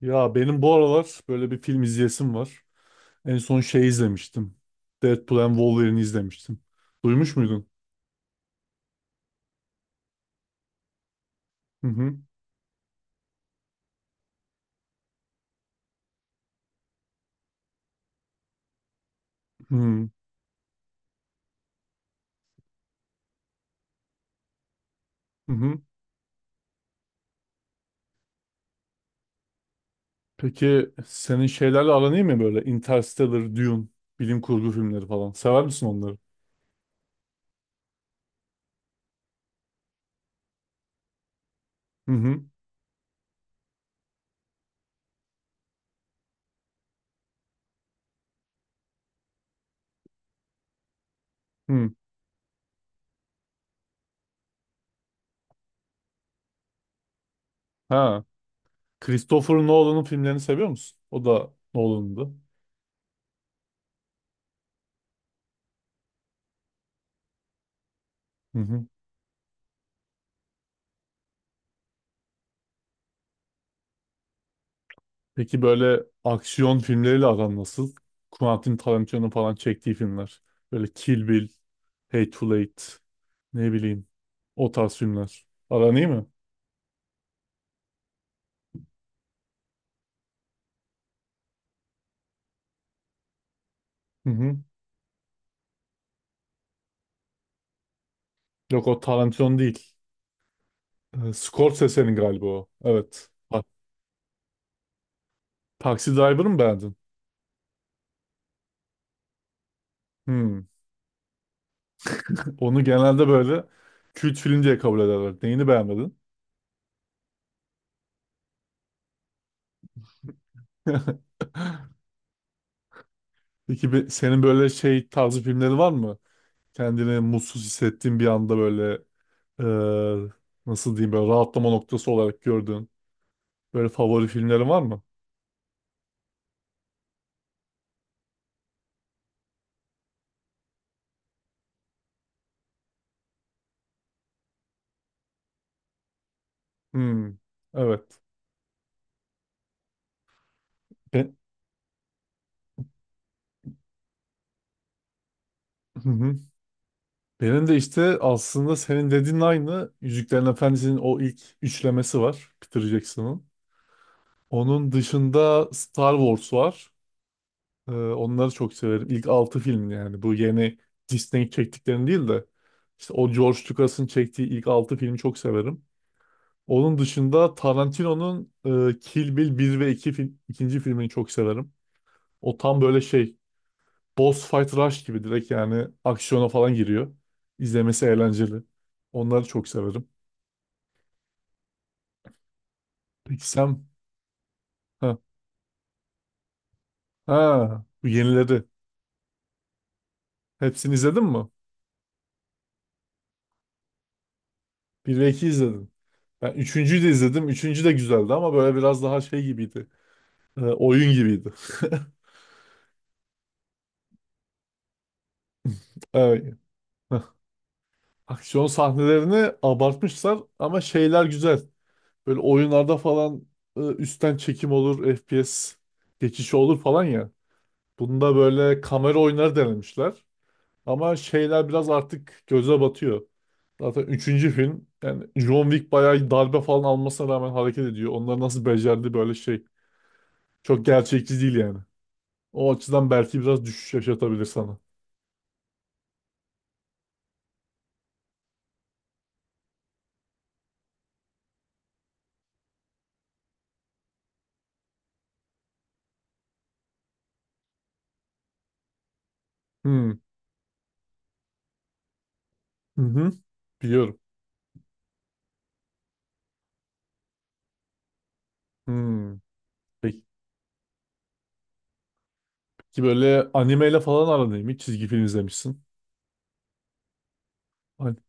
Ya benim bu aralar böyle bir film izleyesim var. En son şey izlemiştim. Deadpool and Wolverine izlemiştim. Duymuş muydun? Hı hı. Hı hı. Hı. Peki senin şeylerle aran iyi mi böyle? Interstellar, Dune, bilim kurgu filmleri falan. Sever misin onları? Hı hı. Hı. Ha. Christopher Nolan'ın filmlerini seviyor musun? O da Nolan'dı. Hı hı. Peki böyle aksiyon filmleriyle aran nasıl? Quentin Tarantino'nun falan çektiği filmler. Böyle Kill Bill, Hateful Eight, ne bileyim o tarz filmler. Aran iyi mi? Hı hı. Yok, o Tarantino değil. Scorsese'nin galiba o. Evet. Bak, Taxi Driver'ı mı beğendin? Hmm. Onu genelde böyle kült film diye kabul ederler. Neyini beğenmedin? Peki senin böyle şey tarzı filmleri var mı? Kendini mutsuz hissettiğin bir anda böyle e, nasıl diyeyim böyle rahatlama noktası olarak gördüğün böyle favori filmlerin var mı? Hmm, evet. Ben, hı hı. Benim de işte aslında senin dediğin aynı Yüzüklerin Efendisi'nin o ilk üçlemesi var Peter Jackson'ın. Onun dışında Star Wars var. Onları çok severim. İlk 6 film, yani bu yeni Disney çektiklerini değil de işte o George Lucas'ın çektiği ilk 6 filmi çok severim. Onun dışında Tarantino'nun Kill Bill 1 ve 2 film, ikinci filmini çok severim. O tam böyle şey, boss fight rush gibi, direkt yani aksiyona falan giriyor. İzlemesi eğlenceli. Onları çok severim. Peki sen, ha, ha bu yenileri hepsini izledin mi? Bir ve 2 izledim. Ben 3.'ü de izledim. Üçüncü de güzeldi ama böyle biraz daha şey gibiydi. Oyun gibiydi. Evet. Hah. Aksiyon sahnelerini abartmışlar ama şeyler güzel. Böyle oyunlarda falan üstten çekim olur, FPS geçişi olur falan ya. Bunda böyle kamera oyunları denemişler. Ama şeyler biraz artık göze batıyor. Zaten üçüncü film, yani John Wick bayağı darbe falan almasına rağmen hareket ediyor. Onlar nasıl becerdi böyle şey. Çok gerçekçi değil yani. O açıdan belki biraz düşüş yaşatabilir sana. Hmm. Hı hı. Biliyorum. Hmm. Peki, peki, böyle animeyle falan aran iyi mi? Çizgi film izlemişsin. Hani-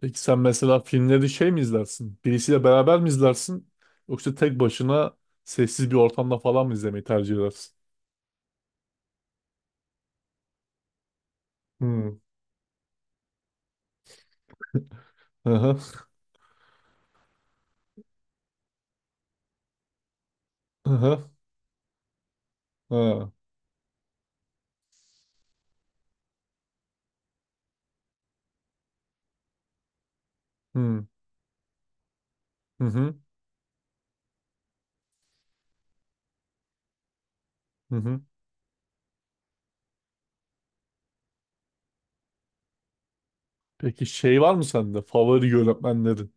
Peki sen mesela filmleri şey mi izlersin? Birisiyle beraber mi izlersin? Yoksa tek başına sessiz bir ortamda falan mı izlemeyi tercih edersin? Hı. Aha. Aha. Ha. Hı. Hı hı. Hı hı. Peki şey var mı sende? Favori yönetmenlerin.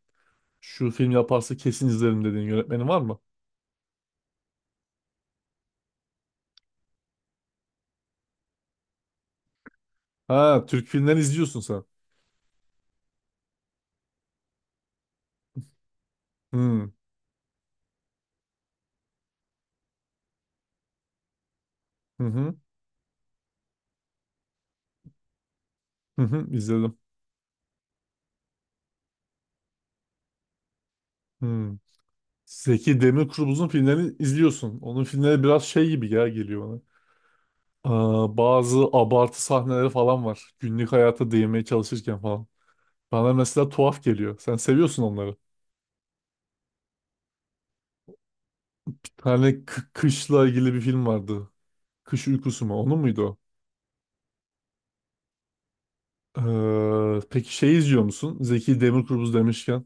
Şu film yaparsa kesin izlerim dediğin yönetmenin var mı? Ha, Türk filmleri izliyorsun sen. Hı. Hı hı. Hı hı. izledim. Hı. Zeki Demirkubuz'un filmlerini izliyorsun. Onun filmleri biraz şey gibi ya geliyor bana. Aa, bazı abartı sahneleri falan var. Günlük hayata değinmeye çalışırken falan. Bana mesela tuhaf geliyor. Sen seviyorsun onları. Bir tane kışla ilgili bir film vardı. Kış uykusu mu? Onu muydu o? Peki şey izliyor musun? Zeki Demirkubuz demişken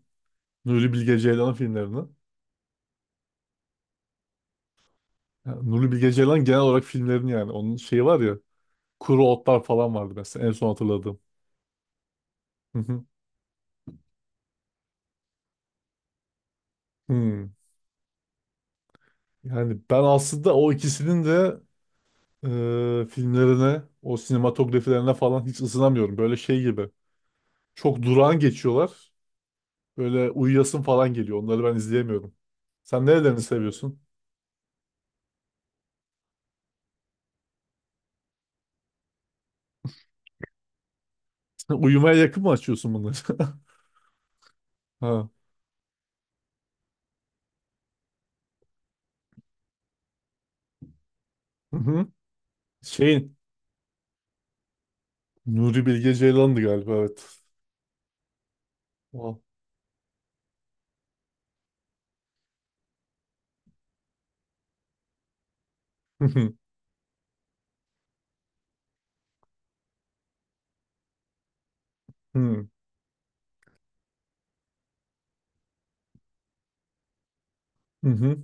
Nuri Bilge Ceylan filmlerini. Ya, Nuri Bilge Ceylan, genel olarak filmlerini yani. Onun şeyi var ya. Kuru Otlar falan vardı mesela, en son hatırladığım. Hı hı. Hmm. Yani ben aslında o ikisinin de filmlerine, o sinematografilerine falan hiç ısınamıyorum. Böyle şey gibi. Çok durağan geçiyorlar. Böyle uyuyasın falan geliyor. Onları ben izleyemiyorum. Sen nerelerini seviyorsun? Uyumaya yakın mı açıyorsun bunları? Ha. Şeyin, Nuri Bilge Ceylan'dı galiba, evet. O. Hı hı, hı, hı.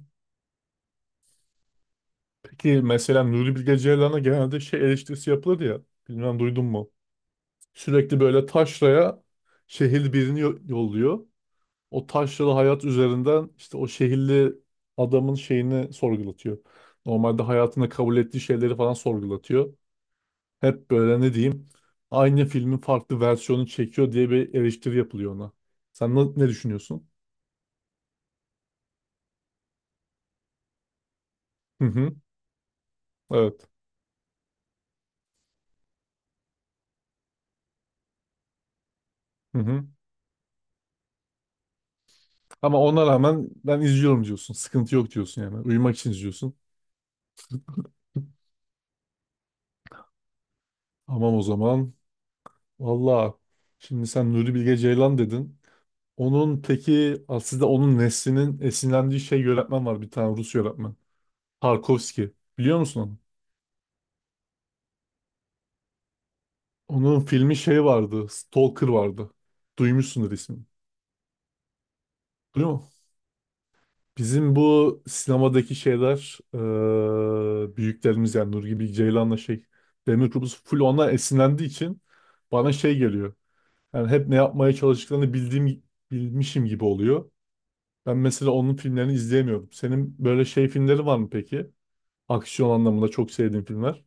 Peki mesela Nuri Bilge Ceylan'a genelde şey eleştirisi yapılır ya. Bilmem duydun mu? Sürekli böyle taşraya şehirli birini yolluyor. O taşralı hayat üzerinden işte o şehirli adamın şeyini sorgulatıyor. Normalde hayatında kabul ettiği şeyleri falan sorgulatıyor. Hep böyle ne diyeyim, aynı filmin farklı versiyonu çekiyor diye bir eleştiri yapılıyor ona. Sen ne düşünüyorsun? Hı hı, evet. Hı hı. Ama ona rağmen ben izliyorum diyorsun. Sıkıntı yok diyorsun yani. Uyumak için izliyorsun. Tamam, o zaman. Valla, şimdi sen Nuri Bilge Ceylan dedin. Onun peki, aslında onun neslinin esinlendiği şey yönetmen var, bir tane Rus yönetmen. Tarkovski. Biliyor musun onu? Onun filmi şey vardı. Stalker vardı. Duymuşsundur ismini. Duyuyor musun? Bizim bu sinemadaki şeyler, büyüklerimiz yani Nuri Bilge Ceylan'la şey, Demir Kubus full ona esinlendiği için bana şey geliyor. Yani hep ne yapmaya çalıştıklarını bildiğim, bilmişim gibi oluyor. Ben mesela onun filmlerini izleyemiyorum. Senin böyle şey filmleri var mı peki? Aksiyon anlamında çok sevdiğin filmler.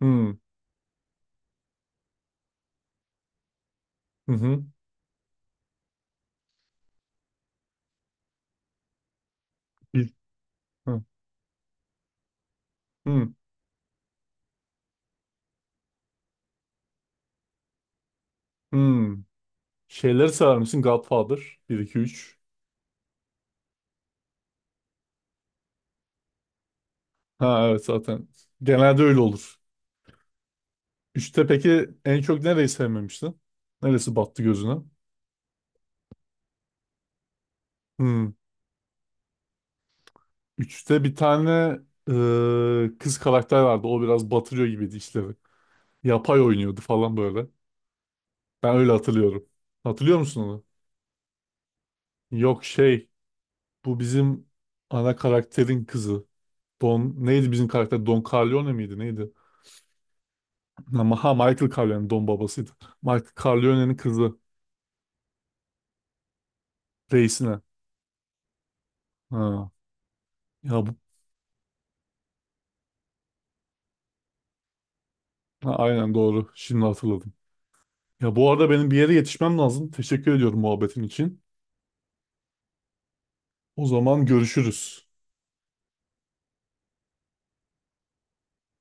Hmm. Hı hı. Bil hı. Hı. Hı. Şeyleri sever misin? Godfather 1 2 3. Ha, evet, zaten. Genelde öyle olur. Üçte peki en çok nereyi sevmemiştin? Neresi battı gözüne? Hmm. 3'te bir tane kız karakter vardı. O biraz batırıyor gibiydi işleri. Yapay oynuyordu falan böyle. Ben öyle hatırlıyorum. Hatırlıyor musun onu? Yok, şey, bu bizim ana karakterin kızı. Don neydi bizim karakter? Don Corleone miydi neydi? Ama ha, Michael Corleone Don babasıydı. Michael Corleone'nin kızı reisine. Ha. Ya bu, ha, aynen doğru. Şimdi hatırladım. Ya bu arada benim bir yere yetişmem lazım. Teşekkür ediyorum muhabbetin için. O zaman görüşürüz.